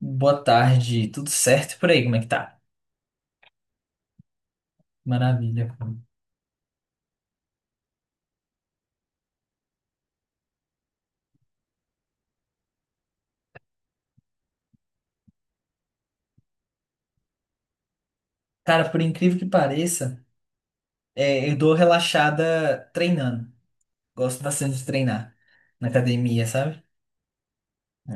Boa tarde, tudo certo por aí? Como é que tá? Maravilha. Cara, por incrível que pareça, eu dou relaxada treinando. Gosto bastante de treinar na academia, sabe?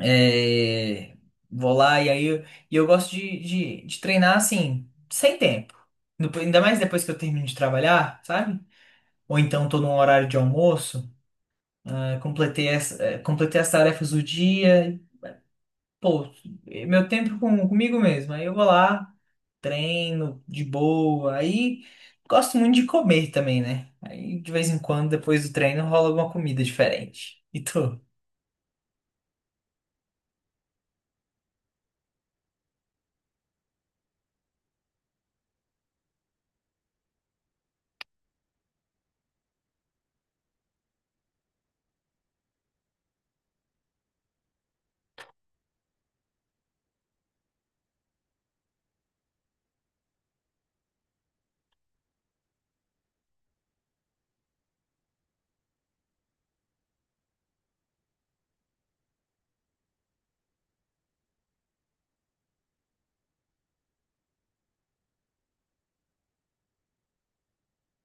É, vou lá e eu gosto de treinar assim, sem tempo. Ainda mais depois que eu termino de trabalhar, sabe? Ou então tô num horário de almoço, completei as tarefas do dia, e, pô, é meu tempo comigo mesmo. Aí eu vou lá, treino de boa. Aí gosto muito de comer também, né? Aí de vez em quando, depois do treino, rola alguma comida diferente. E tu?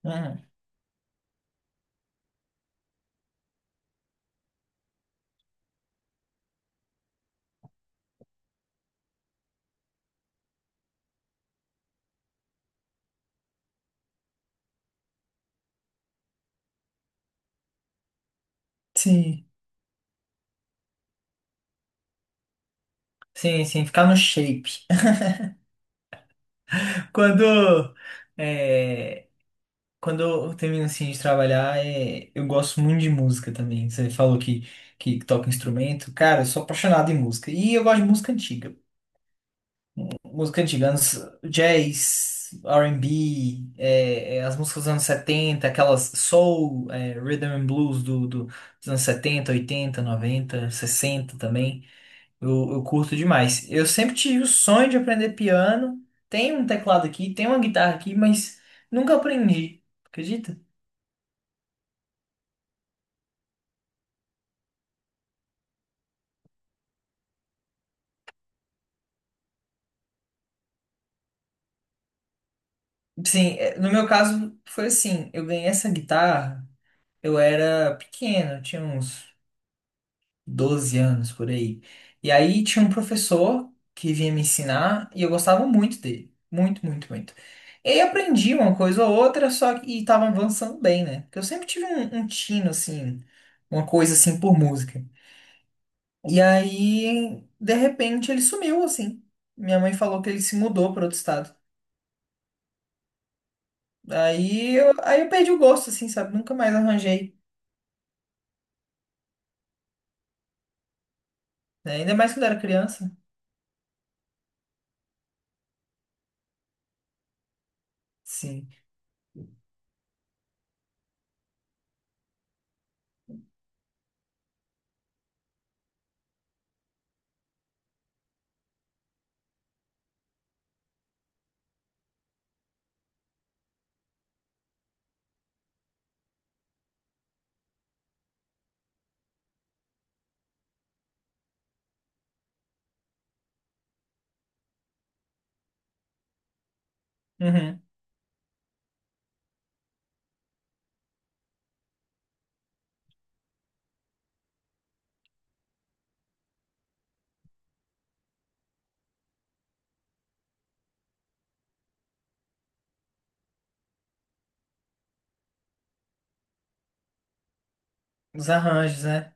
Hum, sim, sim, ficar no shape. Quando, é, quando eu termino assim de trabalhar, eu gosto muito de música também. Você falou que toca instrumento. Cara, eu sou apaixonado em música. E eu gosto de música antiga. Música antiga, anos, jazz, R&B, as músicas dos anos 70, aquelas soul, rhythm and blues dos anos 70, 80, 90, 60 também. Eu curto demais. Eu sempre tive o sonho de aprender piano. Tem um teclado aqui, tem uma guitarra aqui, mas nunca aprendi. Acredita? Sim, é, no meu caso foi assim, eu ganhei essa guitarra, eu era pequeno, eu tinha uns 12 anos por aí. E aí tinha um professor que vinha me ensinar e eu gostava muito dele. Muito, muito, muito. E aí aprendi uma coisa ou outra, só que e tava avançando bem, né? Porque eu sempre tive um tino, assim, uma coisa assim por música. E aí, de repente, ele sumiu, assim. Minha mãe falou que ele se mudou para outro estado. Aí eu perdi o gosto, assim, sabe? Nunca mais arranjei, né? Ainda mais quando eu era criança. Sim. Uhum. Os arranjos, né?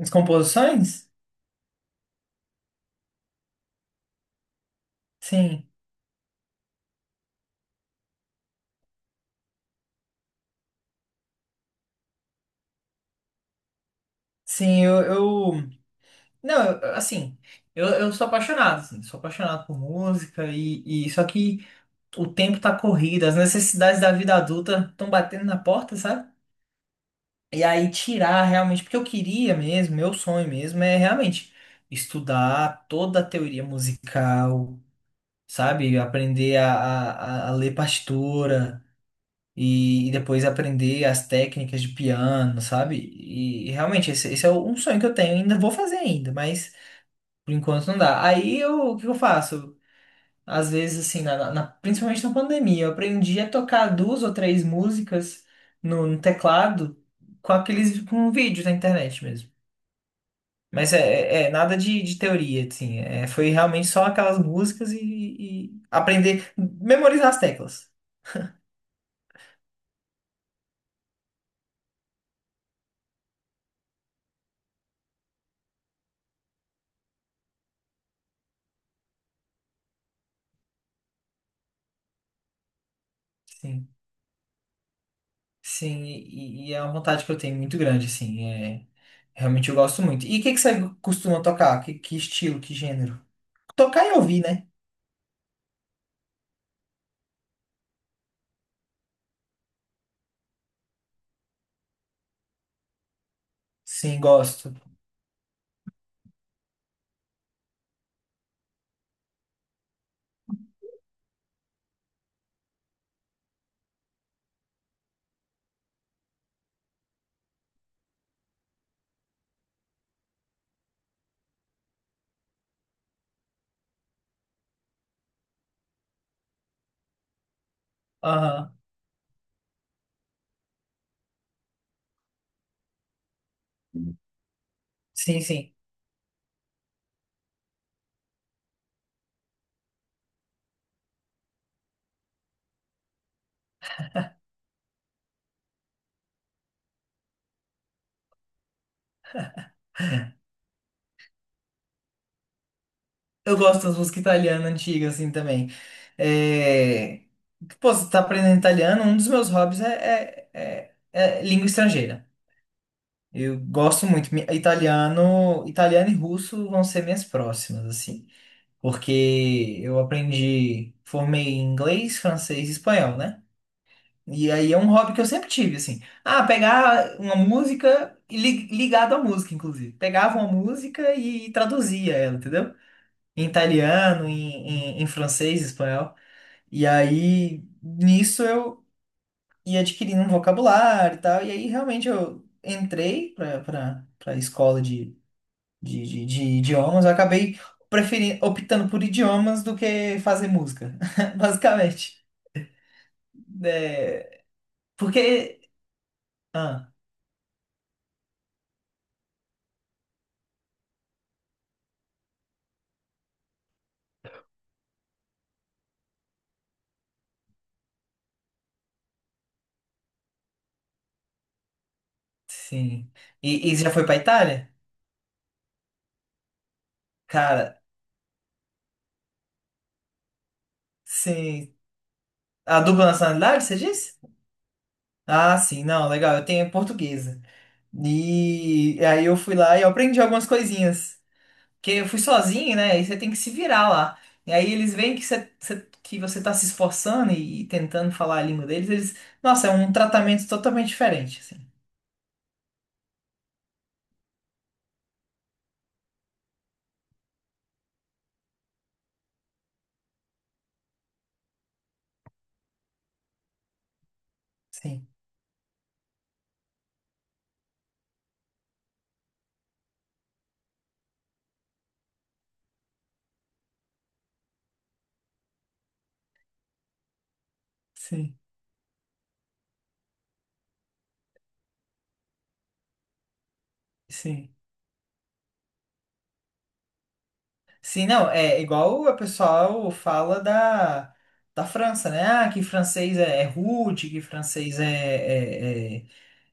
As composições? Sim. Sim, eu... Não, eu- assim, eu sou apaixonado, assim, sou apaixonado por música e... Só que o tempo tá corrido, as necessidades da vida adulta estão batendo na porta, sabe? E aí tirar realmente, porque eu queria mesmo, meu sonho mesmo é realmente estudar toda a teoria musical, sabe? Aprender a a ler partitura e depois aprender as técnicas de piano, sabe? E realmente esse é um sonho que eu tenho, ainda vou fazer ainda, mas... Por enquanto não dá. Aí eu, o que eu faço? Às vezes, assim, principalmente na pandemia, eu aprendi a tocar duas ou três músicas no teclado com aqueles com vídeos na internet mesmo. Mas é nada de teoria, assim. É, foi realmente só aquelas músicas e aprender, memorizar as teclas. Sim, sim, e é uma vontade que eu tenho muito grande, assim. É, realmente eu gosto muito. E que você costuma tocar? Que estilo, que gênero? Tocar e ouvir, né? Sim, gosto. Aham. Sim, sim. Eu gosto das músicas italianas antigas, assim, também. É... Pô, você tá aprendendo italiano, um dos meus hobbies é língua estrangeira. Eu gosto muito. Italiano e russo vão ser minhas próximas, assim. Porque eu aprendi, formei em inglês, francês e espanhol, né? E aí é um hobby que eu sempre tive, assim. Ah, pegar uma música ligado à música, inclusive. Pegava uma música e traduzia ela, entendeu? Em italiano, em francês, espanhol. E aí, nisso eu ia adquirindo um vocabulário e tal. E aí, realmente, eu entrei para escola de idiomas. Eu acabei preferindo, optando por idiomas do que fazer música, basicamente. É, porque... Ah, sim. E você já foi para Itália? Cara, sim. A dupla nacionalidade, você disse? Ah, sim, não, legal. Eu tenho portuguesa. E aí eu fui lá e eu aprendi algumas coisinhas. Porque eu fui sozinho, né? E você tem que se virar lá. E aí eles veem que que você tá se esforçando e tentando falar a língua deles, eles... Nossa, é um tratamento totalmente diferente, assim. Sim, sim, sim. Sim, não, é igual o pessoal fala da França, né? Ah, que francês é rude, que francês é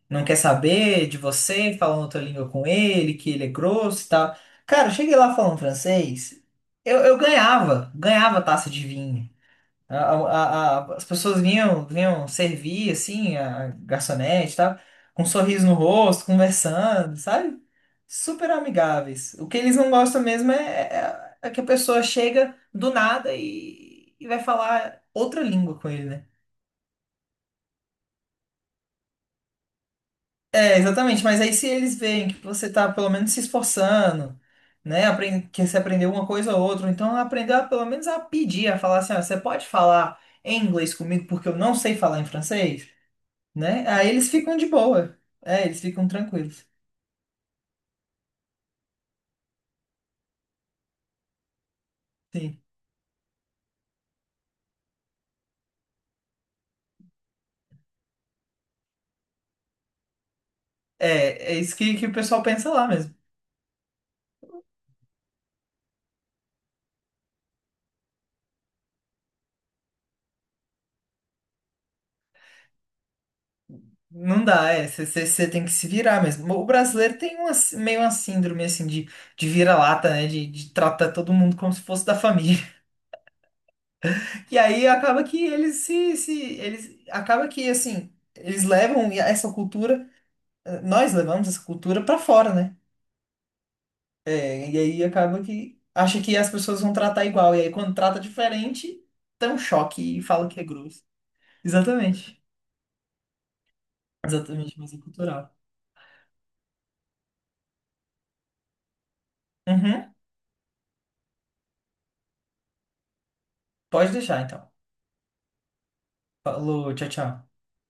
não quer saber de você, falando outra língua com ele, que ele é grosso e tal. Cara, eu cheguei lá falando francês, eu ganhava, ganhava taça de vinho. As pessoas vinham, vinham servir, assim, a garçonete e tal, com um sorriso no rosto, conversando, sabe? Super amigáveis. O que eles não gostam mesmo é que a pessoa chega do nada e, e vai falar outra língua com ele, né? É, exatamente, mas aí se eles veem que você tá pelo menos se esforçando, né, que você aprendeu uma coisa ou outra, então aprendeu a, pelo menos a pedir, a falar assim, ó, você pode falar em inglês comigo porque eu não sei falar em francês, né? Aí eles ficam de boa, é, eles ficam tranquilos, sim. É, é isso que o pessoal pensa lá mesmo. Não dá, é, você tem que se virar mesmo. O brasileiro tem uma, meio uma síndrome, assim, de vira-lata, né, de tratar todo mundo como se fosse da família. E aí acaba que eles se, se eles acaba que assim, eles levam essa cultura, nós levamos essa cultura pra fora, né? É, e aí acaba que acha que as pessoas vão tratar igual, e aí quando trata diferente, tem um choque e fala que é grosso. Exatamente. Exatamente, mas é cultural. Uhum. Pode deixar então. Falou, tchau, tchau.